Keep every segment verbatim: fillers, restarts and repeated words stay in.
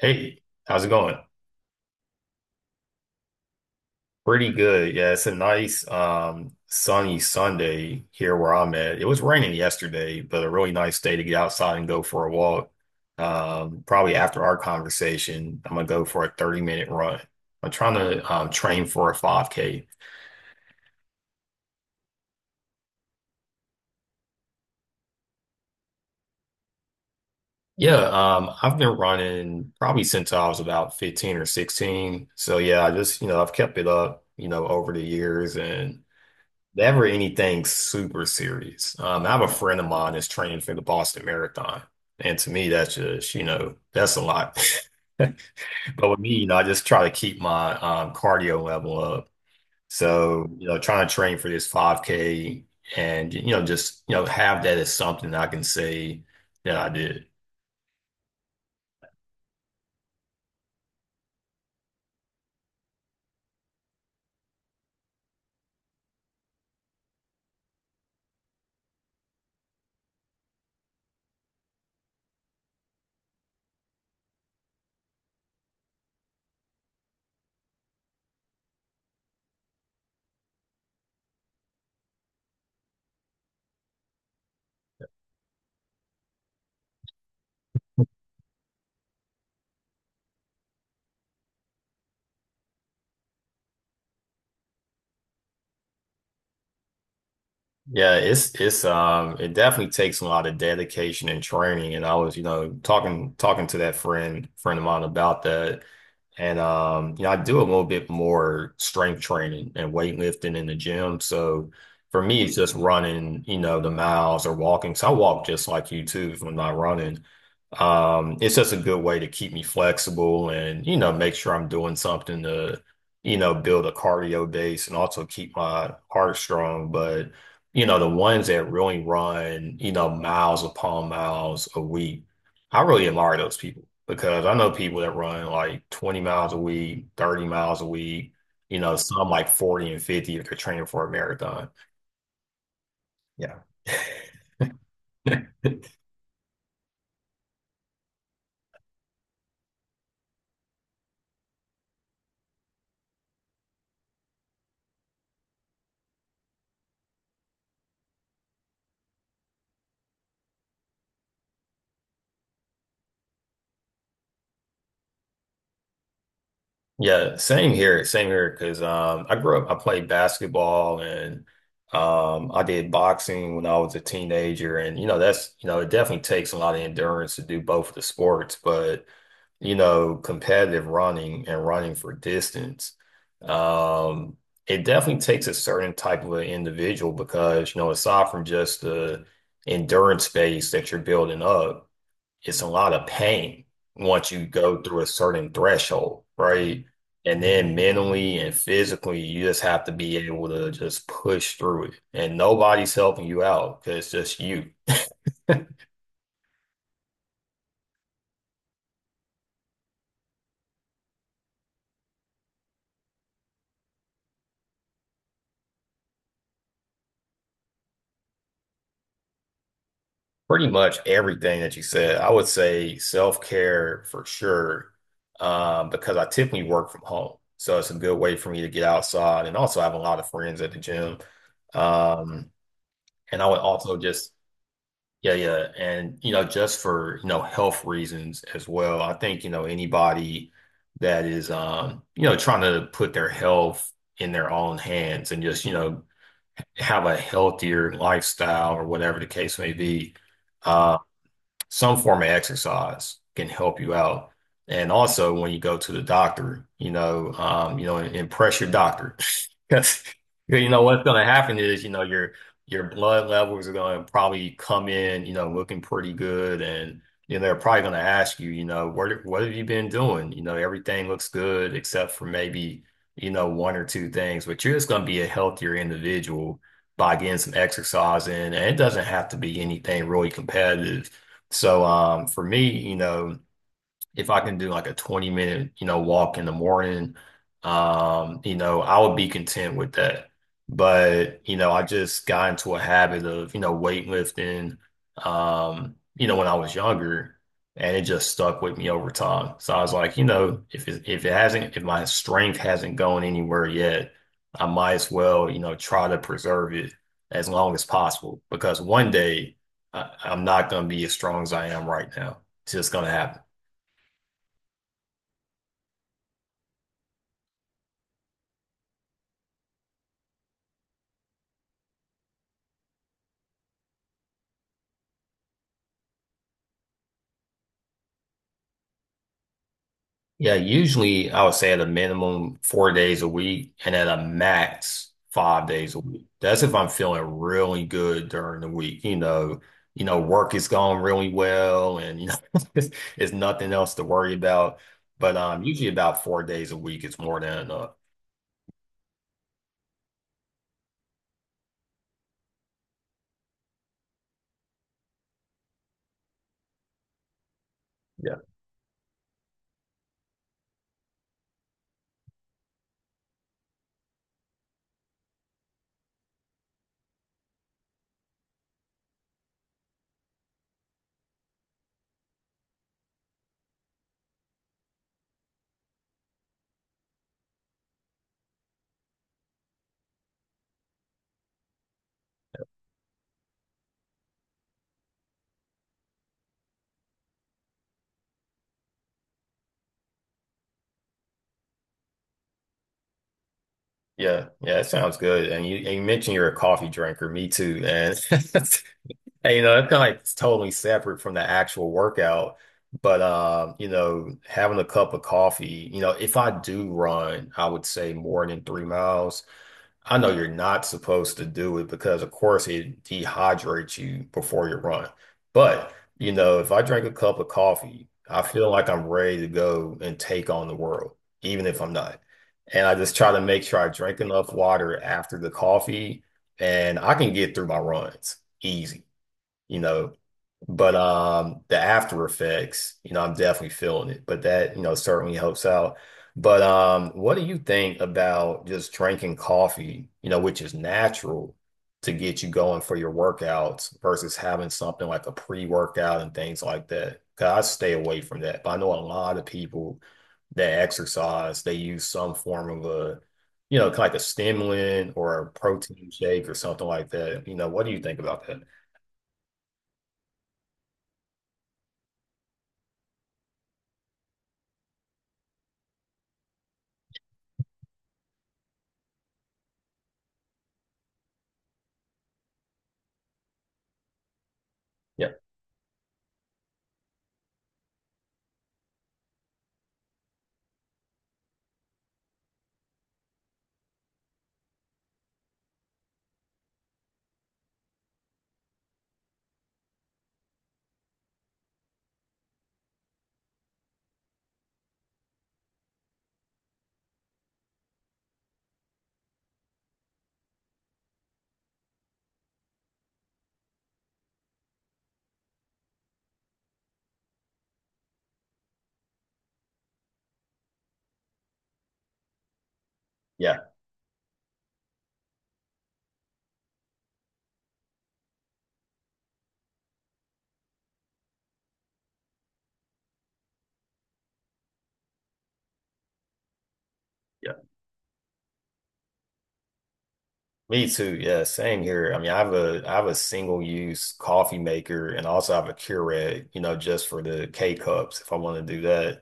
Hey, how's it going? Pretty good. Yeah, it's a nice um sunny Sunday here where I'm at. It was raining yesterday, but a really nice day to get outside and go for a walk. Um, probably after our conversation, I'm gonna go for a thirty minute run. I'm trying to um, train for a five K. Yeah, um, I've been running probably since I was about fifteen or sixteen. So yeah, I just, you know, I've kept it up, you know, over the years and never anything super serious. Um, I have a friend of mine that's training for the Boston Marathon. And to me, that's just, you know, that's a lot. But with me, you know, I just try to keep my um, cardio level up. So, you know, trying to train for this five K and, you know, just, you know, have that as something I can say that I did. Yeah, it's it's um it definitely takes a lot of dedication and training. And I was, you know, talking talking to that friend friend of mine about that. And um, you know, I do a little bit more strength training and weightlifting in the gym. So for me, it's just running, you know, the miles or walking. So I walk just like you too if I'm not running. Um, it's just a good way to keep me flexible and, you know, make sure I'm doing something to, you know, build a cardio base and also keep my heart strong. But you know, the ones that really run, you know, miles upon miles a week. I really admire those people because I know people that run like twenty miles a week, thirty miles a week, you know, some like forty and fifty if they're training for a marathon. Yeah. Yeah, same here, same here. Because um, I grew up, I played basketball and um, I did boxing when I was a teenager, and you know that's you know it definitely takes a lot of endurance to do both of the sports. But you know, competitive running and running for distance, um, it definitely takes a certain type of an individual because, you know, aside from just the endurance base that you're building up, it's a lot of pain once you go through a certain threshold, right? And then mentally and physically, you just have to be able to just push through it. And nobody's helping you out because it's just you. Pretty much everything that you said. I would say self-care for sure, um, because I typically work from home. So it's a good way for me to get outside and also I have a lot of friends at the gym. Um, and I would also just, yeah, yeah. And, you know, just for, you know, health reasons as well. I think, you know, anybody that is, um, you know, trying to put their health in their own hands and just, you know, have a healthier lifestyle or whatever the case may be some form of exercise can help you out. And also when you go to the doctor, you know, um, you know, impress your doctor. Because you know what's gonna happen is, you know, your your blood levels are gonna probably come in, you know, looking pretty good and you know, they're probably gonna ask you, you know, what what have you been doing? You know, everything looks good except for maybe, you know, one or two things, but you're just gonna be a healthier individual by getting some exercise in. And it doesn't have to be anything really competitive so um, for me, you know, if I can do like a twenty minute, you know, walk in the morning, um, you know, I would be content with that. But, you know, I just got into a habit of, you know, weightlifting, um, you know, when I was younger and it just stuck with me over time. So I was like, you know, if it, if it hasn't, if my strength hasn't gone anywhere yet, I might as well, you know, try to preserve it as long as possible because one day I, I'm not going to be as strong as I am right now. It's just going to happen. Yeah, usually I would say at a minimum four days a week and at a max five days a week. That's if I'm feeling really good during the week. You know, you know, work is going really well and you know it's, it's nothing else to worry about. But um usually about four days a week is more than enough. Yeah. Yeah. Yeah, it sounds good. And you and you mentioned you're a coffee drinker, me too. And and, you know, that's kind of like totally separate from the actual workout. But um, you know, having a cup of coffee, you know, if I do run, I would say more than three miles. I know you're not supposed to do it because, of course, it dehydrates you before you run. But, you know, if I drink a cup of coffee, I feel like I'm ready to go and take on the world, even if I'm not. And I just try to make sure I drink enough water after the coffee and I can get through my runs easy you know. But um, the after effects, you know, I'm definitely feeling it. But that, you know, certainly helps out. But um, what do you think about just drinking coffee, you know, which is natural to get you going for your workouts versus having something like a pre-workout and things like that? 'Cause I stay away from that. But I know a lot of people that exercise, they use some form of a, you know, like a stimulant or a protein shake or something like that. You know, what do you think about that? Yeah, yeah. Me too. Yeah, same here. I mean, I have a I have a single use coffee maker and also I have a Keurig, you know, just for the K cups if I want to do that.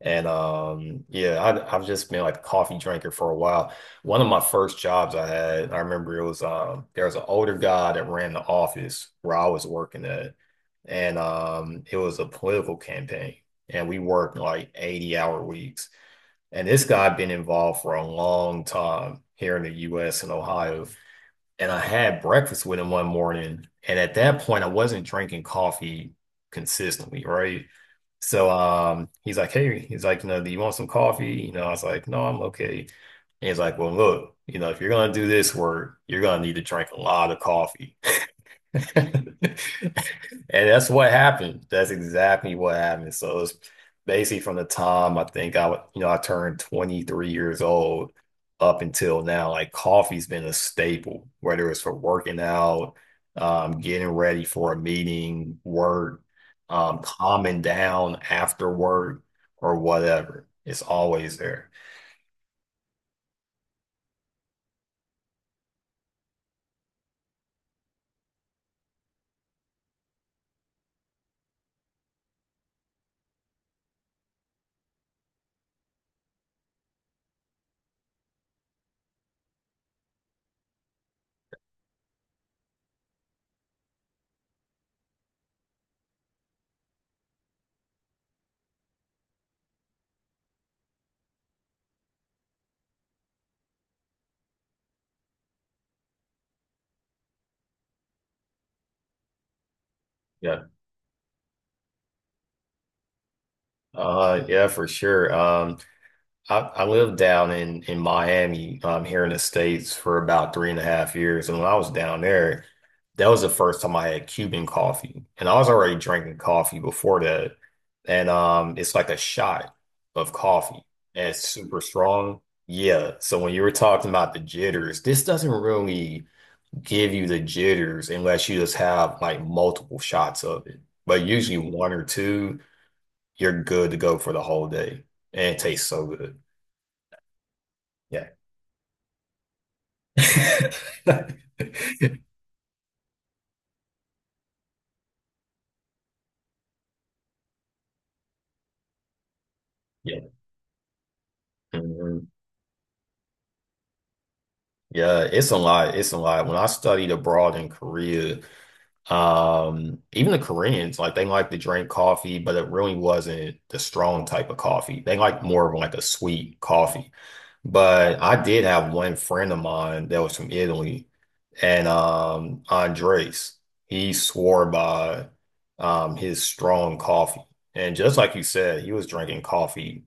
And um, yeah, I, I've just been like a coffee drinker for a while. One of my first jobs I had, I remember it was um, there was an older guy that ran the office where I was working at, and um, it was a political campaign, and we worked like eighty hour weeks. And this guy had been involved for a long time here in the U S and Ohio and I had breakfast with him one morning. And at that point, I wasn't drinking coffee consistently, right? So um, he's like, hey, he's like, you know, do you want some coffee? You know, I was like, no, I'm okay. And he's like, well, look, you know, if you're gonna do this work, you're gonna need to drink a lot of coffee. And that's what happened. That's exactly what happened. So it's basically from the time I think I would, you know, I turned twenty-three years old up until now, like coffee's been a staple, whether it's for working out, um, getting ready for a meeting, work, um, calming down after work or whatever. It's always there. Yeah. Uh, yeah, for sure. Um, I, I lived down in in Miami, um, here in the States for about three and a half years, and when I was down there, that was the first time I had Cuban coffee, and I was already drinking coffee before that, and um, it's like a shot of coffee, and it's super strong. Yeah, so when you were talking about the jitters, this doesn't really give you the jitters unless you just have like multiple shots of it, but usually one or two, you're good to go for the whole day, and it tastes so good. Yeah. Yeah. Mhm. Yeah, it's a lot. It's a lot. When I studied abroad in Korea, um, even the Koreans, like they like to drink coffee, but it really wasn't the strong type of coffee. They like more of like a sweet coffee. But I did have one friend of mine that was from Italy, and um, Andres, he swore by um, his strong coffee. And just like you said, he was drinking coffee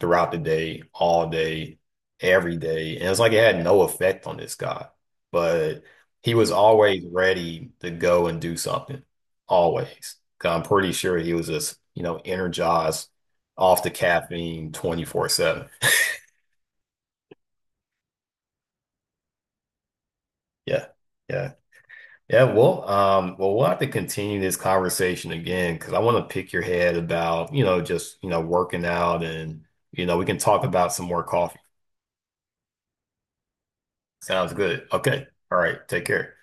throughout the day, all day, every day. And it's like it had no effect on this guy, but he was always ready to go and do something, always. 'Cause I'm pretty sure he was just, you know, energized off the caffeine twenty-four seven. Yeah. Yeah. Yeah, well, um, well, we'll have to continue this conversation again because I want to pick your head about, you know, just, you know, working out and, you know, we can talk about some more coffee. Sounds good. Okay. All right. Take care.